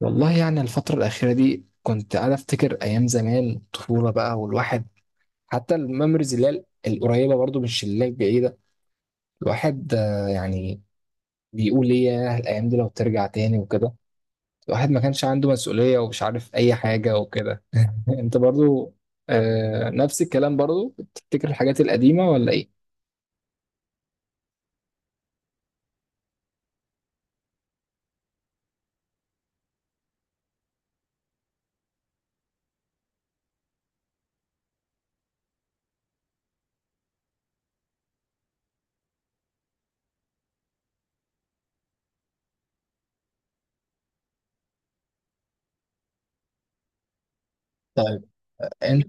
والله يعني الفترة الأخيرة دي كنت قاعد أفتكر أيام زمان، طفولة بقى، والواحد حتى الميموريز اللي هي القريبة برضو، مش اللي هي البعيدة. الواحد يعني بيقول إيه، ياه الأيام دي لو ترجع تاني وكده. الواحد ما كانش عنده مسؤولية ومش عارف أي حاجة وكده. أنت برضو آه، نفس الكلام، برضو بتفتكر الحاجات القديمة ولا إيه؟ طيب. أنت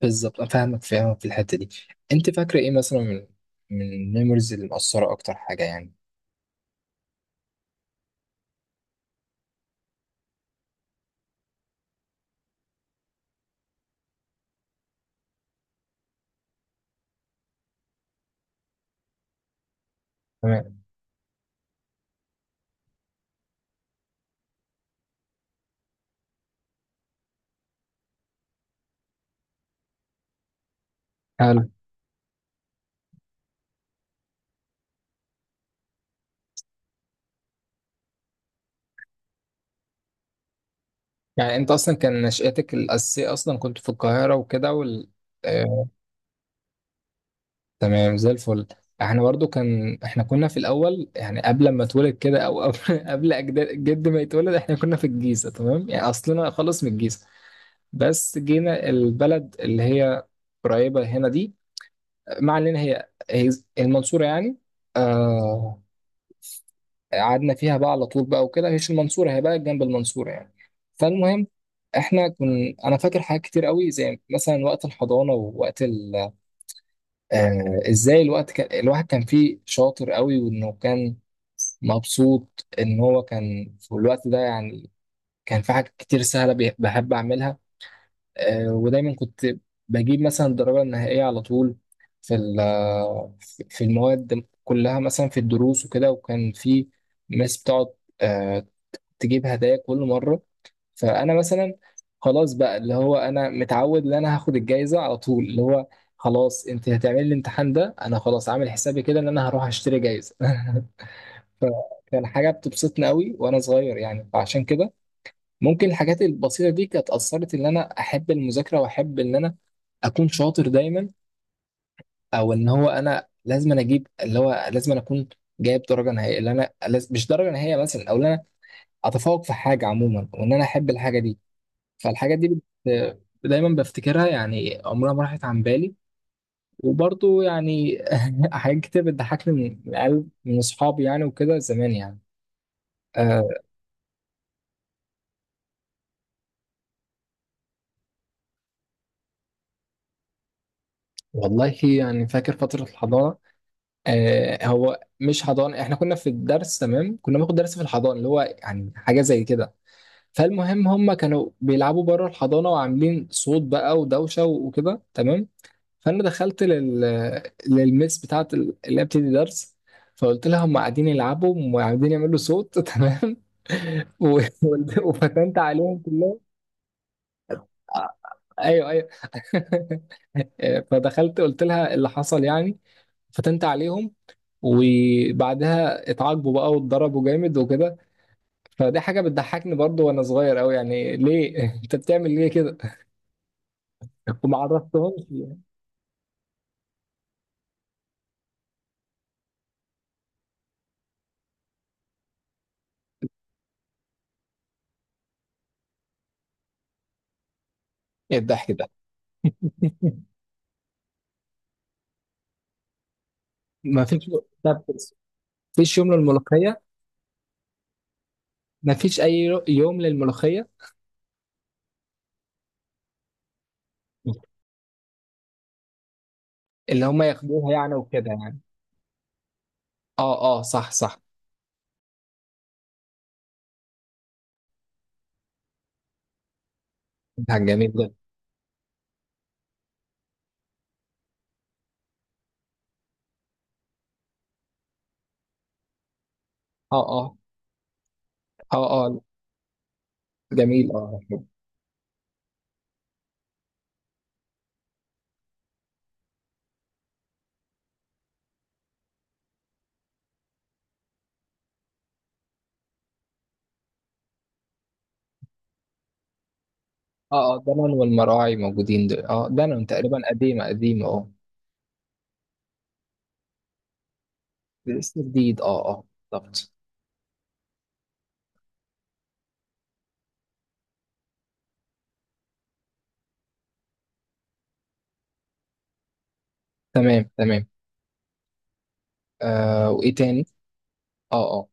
بالظبط أنا فاهمك في الحتة دي. أنت فاكرة إيه مثلا من الميموريز اللي مأثرة أكتر حاجة يعني؟ تمام. حلو. يعني انت اصلا كان نشأتك الاساسيه اصلا كنت في القاهره وكده، وال... آه، تمام زي الفل. احنا برضو كان احنا كنا في الاول، يعني قبل ما اتولد كده او قبل قبل اجداد جد ما يتولد احنا كنا في الجيزه، تمام، يعني اصلنا خالص من الجيزه. بس جينا البلد اللي هي قريبه هنا دي، مع ان هي هي المنصوره يعني. آه. قعدنا فيها بقى على طول بقى وكده، هيش المنصورة، هي بقى جنب المنصورة يعني. فالمهم، احنا كن انا فاكر حاجات كتير قوي، زي مثلا وقت الحضانة ووقت ال... ازاي الوقت كان... الواحد كان فيه شاطر قوي، وانه كان مبسوط ان هو كان في الوقت ده يعني. كان في حاجات كتير سهلة بحب اعملها. ودايما كنت بجيب مثلا الدرجة النهائية على طول في في المواد كلها، مثلا في الدروس وكده. وكان في ناس بتقعد آه، تجيب هدايا كل مرة. فأنا مثلا، خلاص بقى، اللي هو أنا متعود إن أنا هاخد الجايزة على طول، اللي هو خلاص، أنت هتعملي الامتحان ده، أنا خلاص عامل حسابي كده إن أنا هروح أشتري جايزة. فكان حاجة بتبسطني قوي وأنا صغير يعني. فعشان كده ممكن الحاجات البسيطة دي كانت أثرت إن أنا أحب المذاكرة، وأحب إن أنا أكون شاطر دايما، أو إن هو أنا لازم أنا أجيب، اللي هو لازم أنا أكون جايب درجة نهائية، اللي أنا مش درجة نهائية مثلا، أو إن أنا أتفوق في حاجة عموما، وإن أنا أحب الحاجة دي. فالحاجات دي بت... دايما بفتكرها يعني، عمرها ما راحت عن بالي. وبرضه يعني حاجات كتير بتضحكني من قلب، من اصحابي يعني وكده زمان يعني. أه. والله يعني فاكر فترة الحضانة. أه، هو مش حضانة، احنا كنا في الدرس، تمام، كنا بناخد درس في الحضانة اللي هو يعني حاجة زي كده. فالمهم، هم كانوا بيلعبوا بره الحضانة وعاملين صوت بقى ودوشة وكده، تمام. فانا دخلت للميس بتاعت اللي هي بتدي درس، فقلت لها هم قاعدين يلعبوا وقاعدين يعملوا صوت. تمام. و- وفتنت عليهم كلهم. آه، ايوه ايوه. فدخلت قلت لها اللي حصل يعني، فتنت عليهم. وبعدها اتعاقبوا بقى واتضربوا جامد وكده. فدي حاجه بتضحكني برضو وانا صغير قوي يعني، ليه؟ انت بتعمل ليه كده؟ وما عرفتهمش يعني. ايه الضحك ده؟ ما فيش. طب، مفيش يوم للملوخية؟ مفيش اي يوم للملوخيه. اللي هم ياخدوها يعني وكده يعني. اه اه، صح صح. ده جميل ده. اه اه. اه اه. جميل اه. اه اه. دانون والمراعي موجودين دول، اه دانون تقريبا قديمه قديمه اه. لسه جديد اه اه. بالظبط. تمام تمام. آه، وايه تاني؟ اه اه.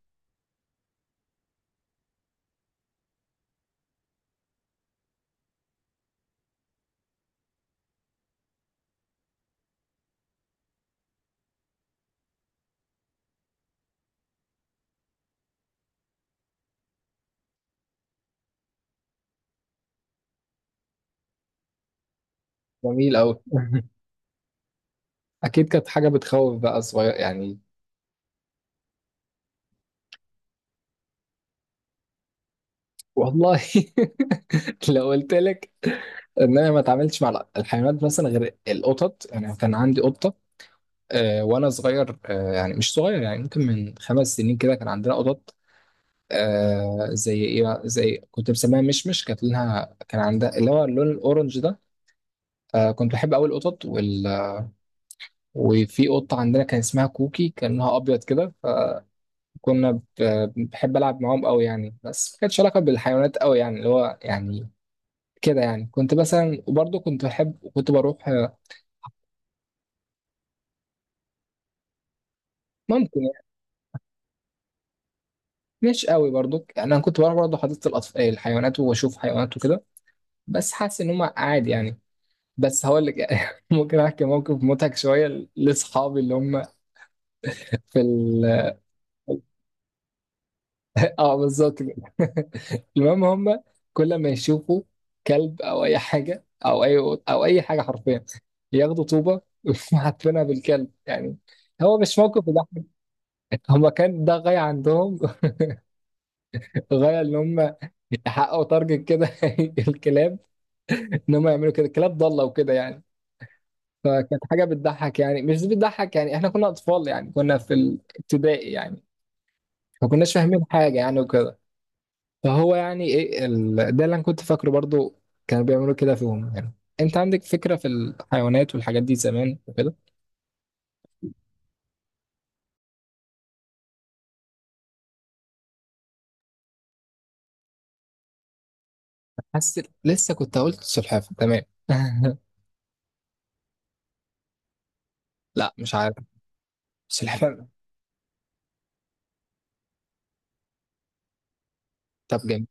جميل قوي. اكيد كانت حاجه بتخوف بقى صغير يعني. والله. لو قلت لك ان انا ما اتعاملتش مع الحيوانات مثلا غير القطط يعني، كان عندي قطه وانا صغير، يعني مش صغير يعني، ممكن من خمس سنين كده كان عندنا قطط. زي ايه بقى؟ زي كنت مسميها مشمش، كانت لونها كان عندها اللي هو اللون الاورنج ده. كنت بحب قوي القطط وال... وفي قطه عندنا كان اسمها كوكي، كان لونها ابيض كده، فكنا ب... بحب العب معاهم قوي يعني. بس ما كانتش علاقه بالحيوانات قوي يعني، اللي هو يعني كده يعني. كنت مثلا، وبرضه كنت بحب، كنت بروح آه. ممكن يعني. مش قوي برضه يعني، انا كنت بروح برضه حديقه الاطفال، الحيوانات، واشوف حيوانات وكده، بس حاسس ان هم عادي يعني. بس هقول لك. ممكن احكي موقف مضحك شويه لاصحابي، اللي هم في ال... اه، بالظبط كده. المهم، هم كل ما يشوفوا كلب او اي حاجه، او اي، او اي حاجه حرفيا، ياخدوا طوبه وحاطينها بالكلب يعني. هو مش موقف يضحك. هم كان ده غايه عندهم، غايه ان هم يحققوا تارجت كده. الكلاب، ان هم يعملوا كده، الكلاب ضاله وكده يعني. فكانت حاجه بتضحك يعني، مش بتضحك يعني، احنا كنا اطفال يعني، كنا في الابتدائي يعني، ما كناش فاهمين حاجه يعني وكده. فهو يعني ايه ال... ده اللي انا كنت فاكره برضو، كانوا بيعملوا كده فيهم يعني. انت عندك فكره في الحيوانات والحاجات دي زمان وكده؟ حاسس لسه كنت قلت سلحفاه، تمام. لا مش عارف. سلحفاه. طب جميل.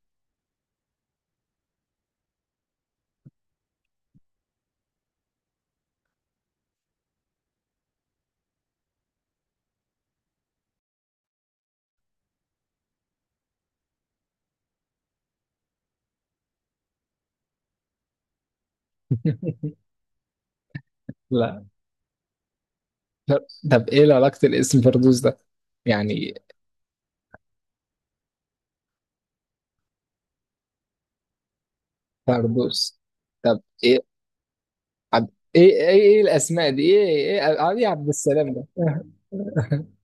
لا. طب طب، ايه علاقه الاسم فردوس ده يعني؟ فردوس. طب ايه، عب... ايه ايه ايه الاسماء دي ايه، ايه ايه عبد السلام ده؟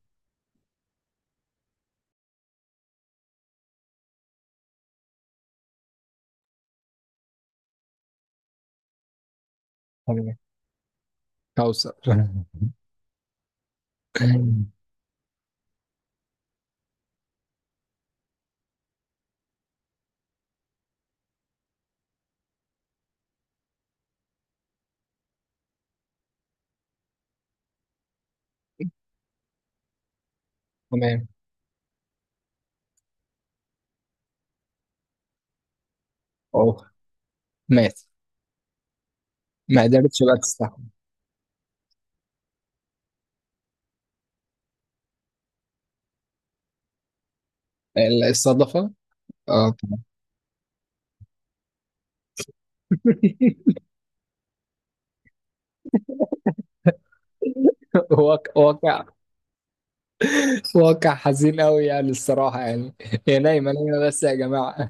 تمام. كوثر. تمام. اوه، مات؟ ما قدرتش بقى تستحمل. الصدفة. اه. تمام. واقع. واقع، واقع حزين قوي يعني الصراحة يعني. هي نايمة نايمة بس يا جماعة.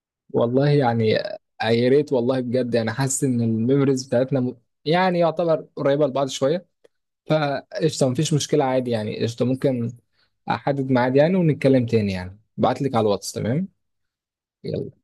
والله يعني، يا ريت والله بجد يعني. حاسس ان الميموريز بتاعتنا م- يعني يعتبر قريبة لبعض شوية، فقشطة، مفيش مشكلة عادي يعني، قشطة ممكن أحدد ميعاد يعني ونتكلم تاني يعني، بعتلك على الواتس، تمام. يلا.